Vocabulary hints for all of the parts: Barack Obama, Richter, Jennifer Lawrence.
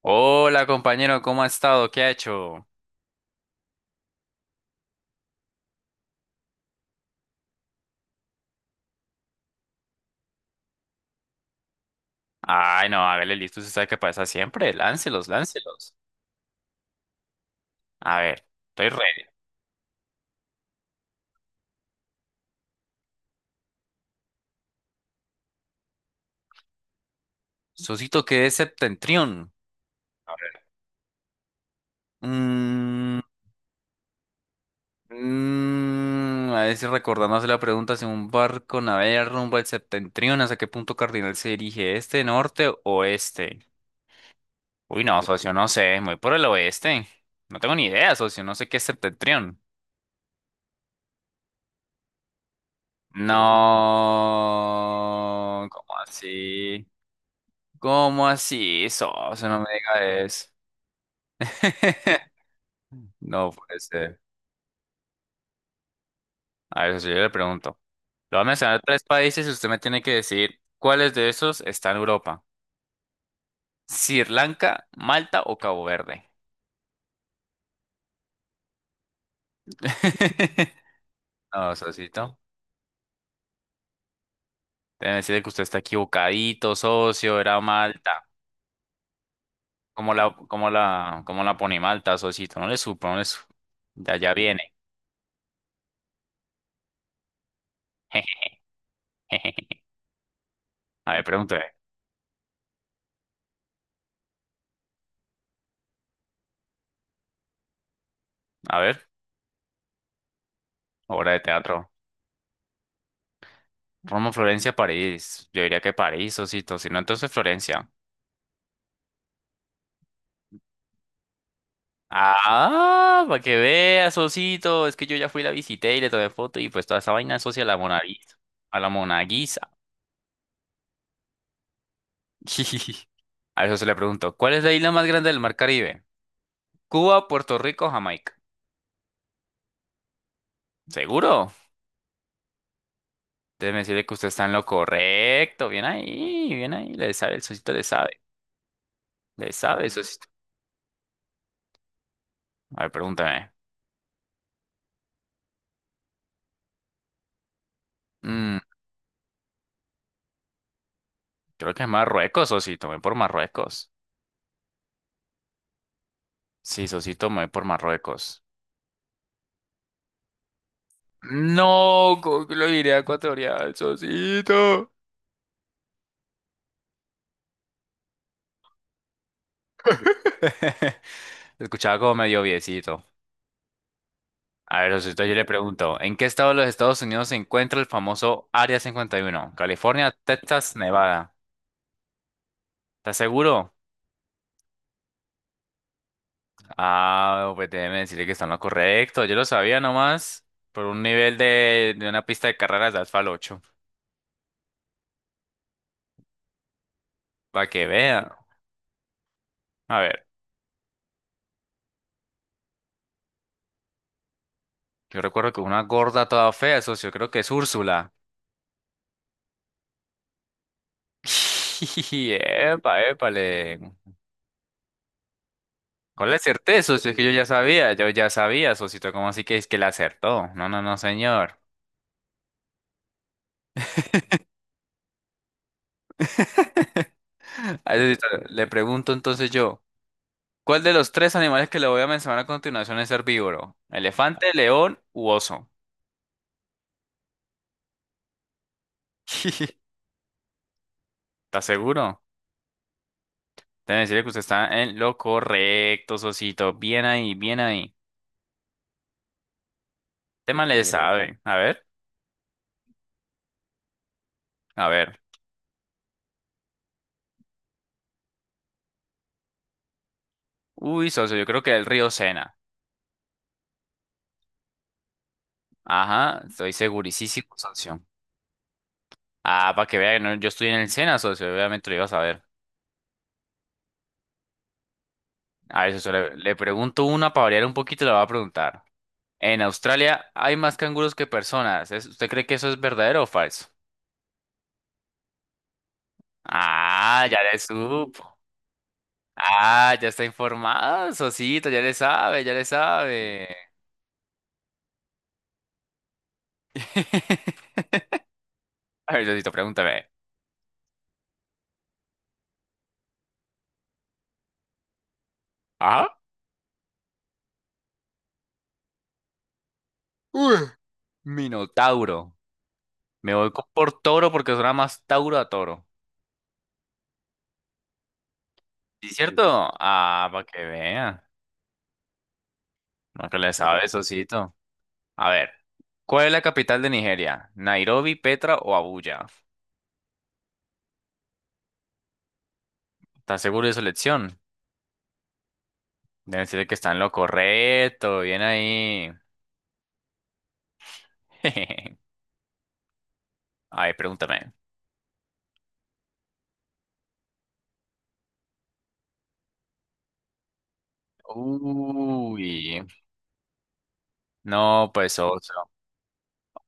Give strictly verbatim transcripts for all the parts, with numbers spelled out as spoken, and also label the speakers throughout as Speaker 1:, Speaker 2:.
Speaker 1: Hola compañero, ¿cómo ha estado? ¿Qué ha hecho? Ay, no, hágale listo, usted sabe qué pasa siempre. Láncelos, láncelos. A ver, estoy ready. Susito qué es septentrión. A ver. Mm, mm, a ver si recordándose la pregunta si un barco navega rumbo al septentrión, ¿hasta qué punto cardinal se dirige? ¿Este, norte, oeste? Uy, no, socio, no sé, muy por el oeste. No tengo ni idea, socio, no sé qué es septentrión. No, ¿cómo así? ¿Cómo así? Eso, eso no me diga eso. No puede ser. A ver, si yo le pregunto. Le voy a mencionar tres países y usted me tiene que decir cuáles de esos está en Europa. Sri Lanka, Malta o Cabo Verde. No, socito. Debe decirle que usted está equivocadito, socio, era Malta. ¿Cómo la, cómo la, cómo la pone Malta, socito? No le supo, no le supo. Ya, ya viene. A ver, pregúntele. A ver, obra de teatro. Roma, Florencia, París. Yo diría que París, Osito. Si no, entonces Florencia. Ah, para que veas, Osito. Es que yo ya fui, la visité y le tomé foto y pues toda esa vaina asocia a la Mona Lisa. A la Mona Lisa. A eso se le preguntó. ¿Cuál es la isla más grande del mar Caribe? Cuba, Puerto Rico, Jamaica. ¿Seguro? Déjeme decirle que usted está en lo correcto. Bien ahí, bien ahí. Le sabe, el Sosito le sabe. Le sabe, Sosito. A ver, pregúntame. Mm, creo que es Marruecos, Sosito. Ven por Marruecos. Sí, Sosito, me voy por Marruecos. No, ¿cómo que lo diré a ecuatorial, Sosito. Se escuchaba como medio viecito. A ver, Sosito, yo le pregunto, ¿en qué estado de los Estados Unidos se encuentra el famoso Área cincuenta y uno? California, Texas, Nevada. ¿Estás seguro? Ah, pues déjeme decirle que está en lo correcto. Yo lo sabía nomás por un nivel de, de una pista de carreras de Asfal ocho. Para que vea. A ver, yo recuerdo que una gorda toda fea, socio, creo que es Úrsula. Y Epa, épale. ¿Cuál le acerté, socio? Es que yo ya sabía, yo ya sabía, socito. ¿Cómo así que es que le acertó? No, no, no, señor. A ver, le pregunto entonces yo, ¿cuál de los tres animales que le voy a mencionar a continuación es herbívoro? ¿Elefante, león u oso? ¿Está seguro? Debe decirle que usted está en lo correcto, socito. Bien ahí, bien ahí. Tema le sabe. A ver, a ver. Uy, socio, yo creo que el río Sena. Ajá, estoy segurísimo, socio. Ah, para que vean, no, yo estoy en el SENA, socio, obviamente lo ibas a ver. A ver, socio, le, le pregunto una para variar un poquito, la voy a preguntar. En Australia hay más canguros que personas. ¿Es- ¿Usted cree que eso es verdadero o falso? Ah, ya le supo. Ah, ya está informado, socito, ya le sabe, ya le sabe. A ver, socito, pregúntame. ¿Ah? Uy, Minotauro. Me voy co- por toro porque suena más tauro a toro. ¿Sí es cierto? Ah, para que vea. No que le sabe, socito. A ver. ¿Cuál es la capital de Nigeria? ¿Nairobi, Petra o Abuya? ¿Estás seguro de su elección? Deben decirle que está en lo correcto. Bien ahí. Ay, pregúntame. Uy. No, pues otro.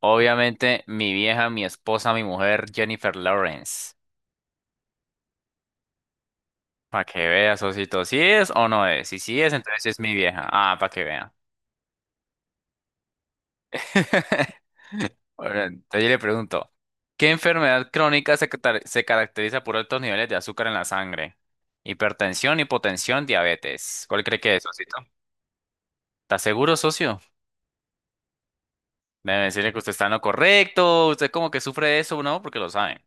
Speaker 1: Obviamente, mi vieja, mi esposa, mi mujer, Jennifer Lawrence. Para que veas, Osito, si es o no es. Y si sí es, entonces sí es mi vieja. Ah, para que vea. Ahora, entonces yo le pregunto, ¿qué enfermedad crónica se, catar- se caracteriza por altos niveles de azúcar en la sangre? Hipertensión, hipotensión, diabetes. ¿Cuál cree que es, socito? ¿Está seguro, socio? Debe decirle que usted está en lo correcto. Usted como que sufre de eso, ¿no? Porque lo sabe.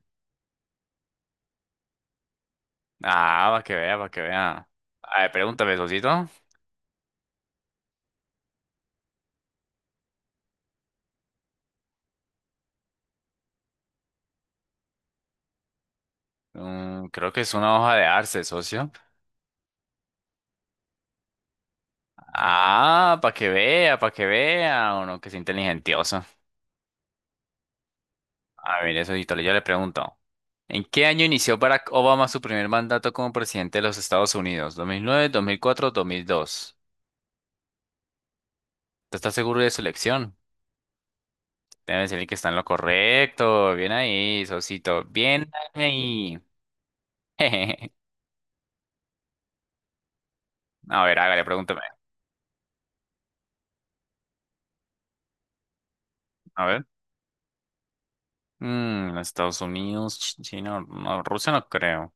Speaker 1: Ah, para que vea, para que vea. A ver, pregúntame, socito. Mm, creo que es una hoja de arce, socio. Ah, para que vea, para que vea. Uno que es inteligentioso. A ver, eso, Hito, yo le pregunto. ¿En qué año inició Barack Obama su primer mandato como presidente de los Estados Unidos? ¿dos mil nueve, dos mil cuatro, dos mil dos? ¿Te estás seguro de su elección? Debe decirle que está en lo correcto. Bien ahí, Sosito. Bien ahí. A ver, hágale, pregúntame. A ver. Mm, Estados Unidos, Ch- China, no, Rusia no creo.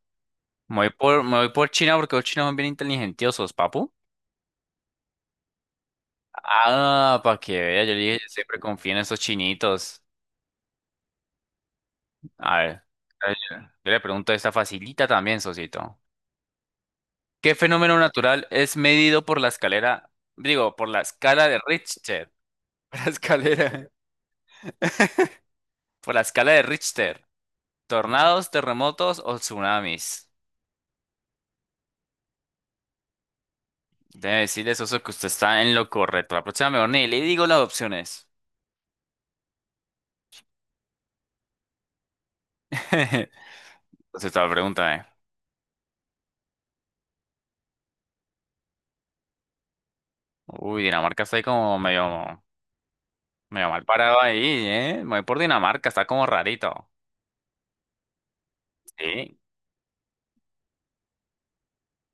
Speaker 1: Me voy por, me voy por China porque los chinos son bien inteligentiosos, papu. Ah, para que vea, yo le dije, yo siempre confío en esos chinitos. A ver, a ver, yo yo le pregunto esta facilita también, Sosito. ¿Qué fenómeno natural es medido por la escalera, digo, por la escala de Richter? Por la escalera, por la escala de Richter. ¿Tornados, terremotos o tsunamis? Debe decirle, Soso, que usted está en lo correcto. La próxima mejor ni le digo las opciones. Entonces Sosito, pregúntame. Uy, Dinamarca está ahí como medio, medio mal parado ahí, ¿eh? Me voy por Dinamarca, está como rarito. Sí.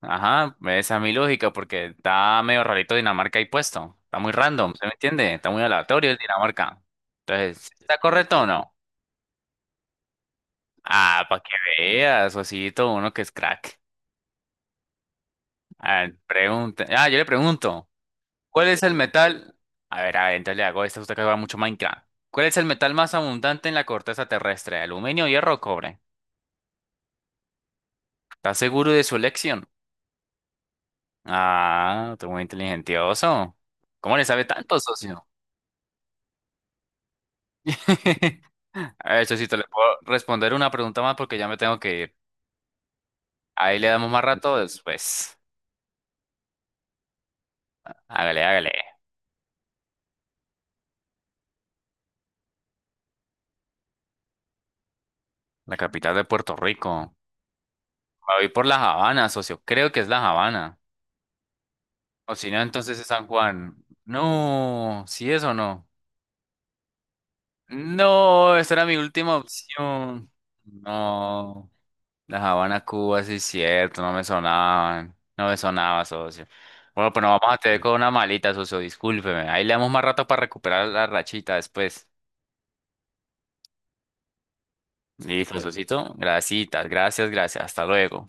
Speaker 1: Ajá, esa es mi lógica, porque está medio rarito Dinamarca ahí puesto. Está muy random, ¿se me entiende? Está muy aleatorio el Dinamarca. Entonces, ¿sí ¿está correcto o no? Ah, para que veas, Osito, uno que es crack. A ver, pregunta. Ah, yo le pregunto, ¿cuál es el metal? A ver, a ver, entonces le hago esta, usted que juega mucho Minecraft. ¿Cuál es el metal más abundante en la corteza terrestre? ¿Aluminio, hierro o cobre? ¿Estás seguro de su elección? Ah, tú muy inteligentioso. ¿Cómo le sabe tanto, socio? A ver, Chocito, le puedo responder una pregunta más porque ya me tengo que ir. Ahí le damos más rato después. Hágale, hágale. La capital de Puerto Rico. Me voy por La Habana, socio. Creo que es La Habana. O si no, entonces es San Juan. No, ¿sí es o no? No, esa era mi última opción. No. La Habana, Cuba, sí es cierto, no me sonaban, no me sonaba, socio. Bueno, pues nos vamos a tener con una malita, socio, discúlpeme. Ahí le damos más rato para recuperar la rachita después. Listo, Dale. Socito. Gracias, gracias, gracias. Hasta luego.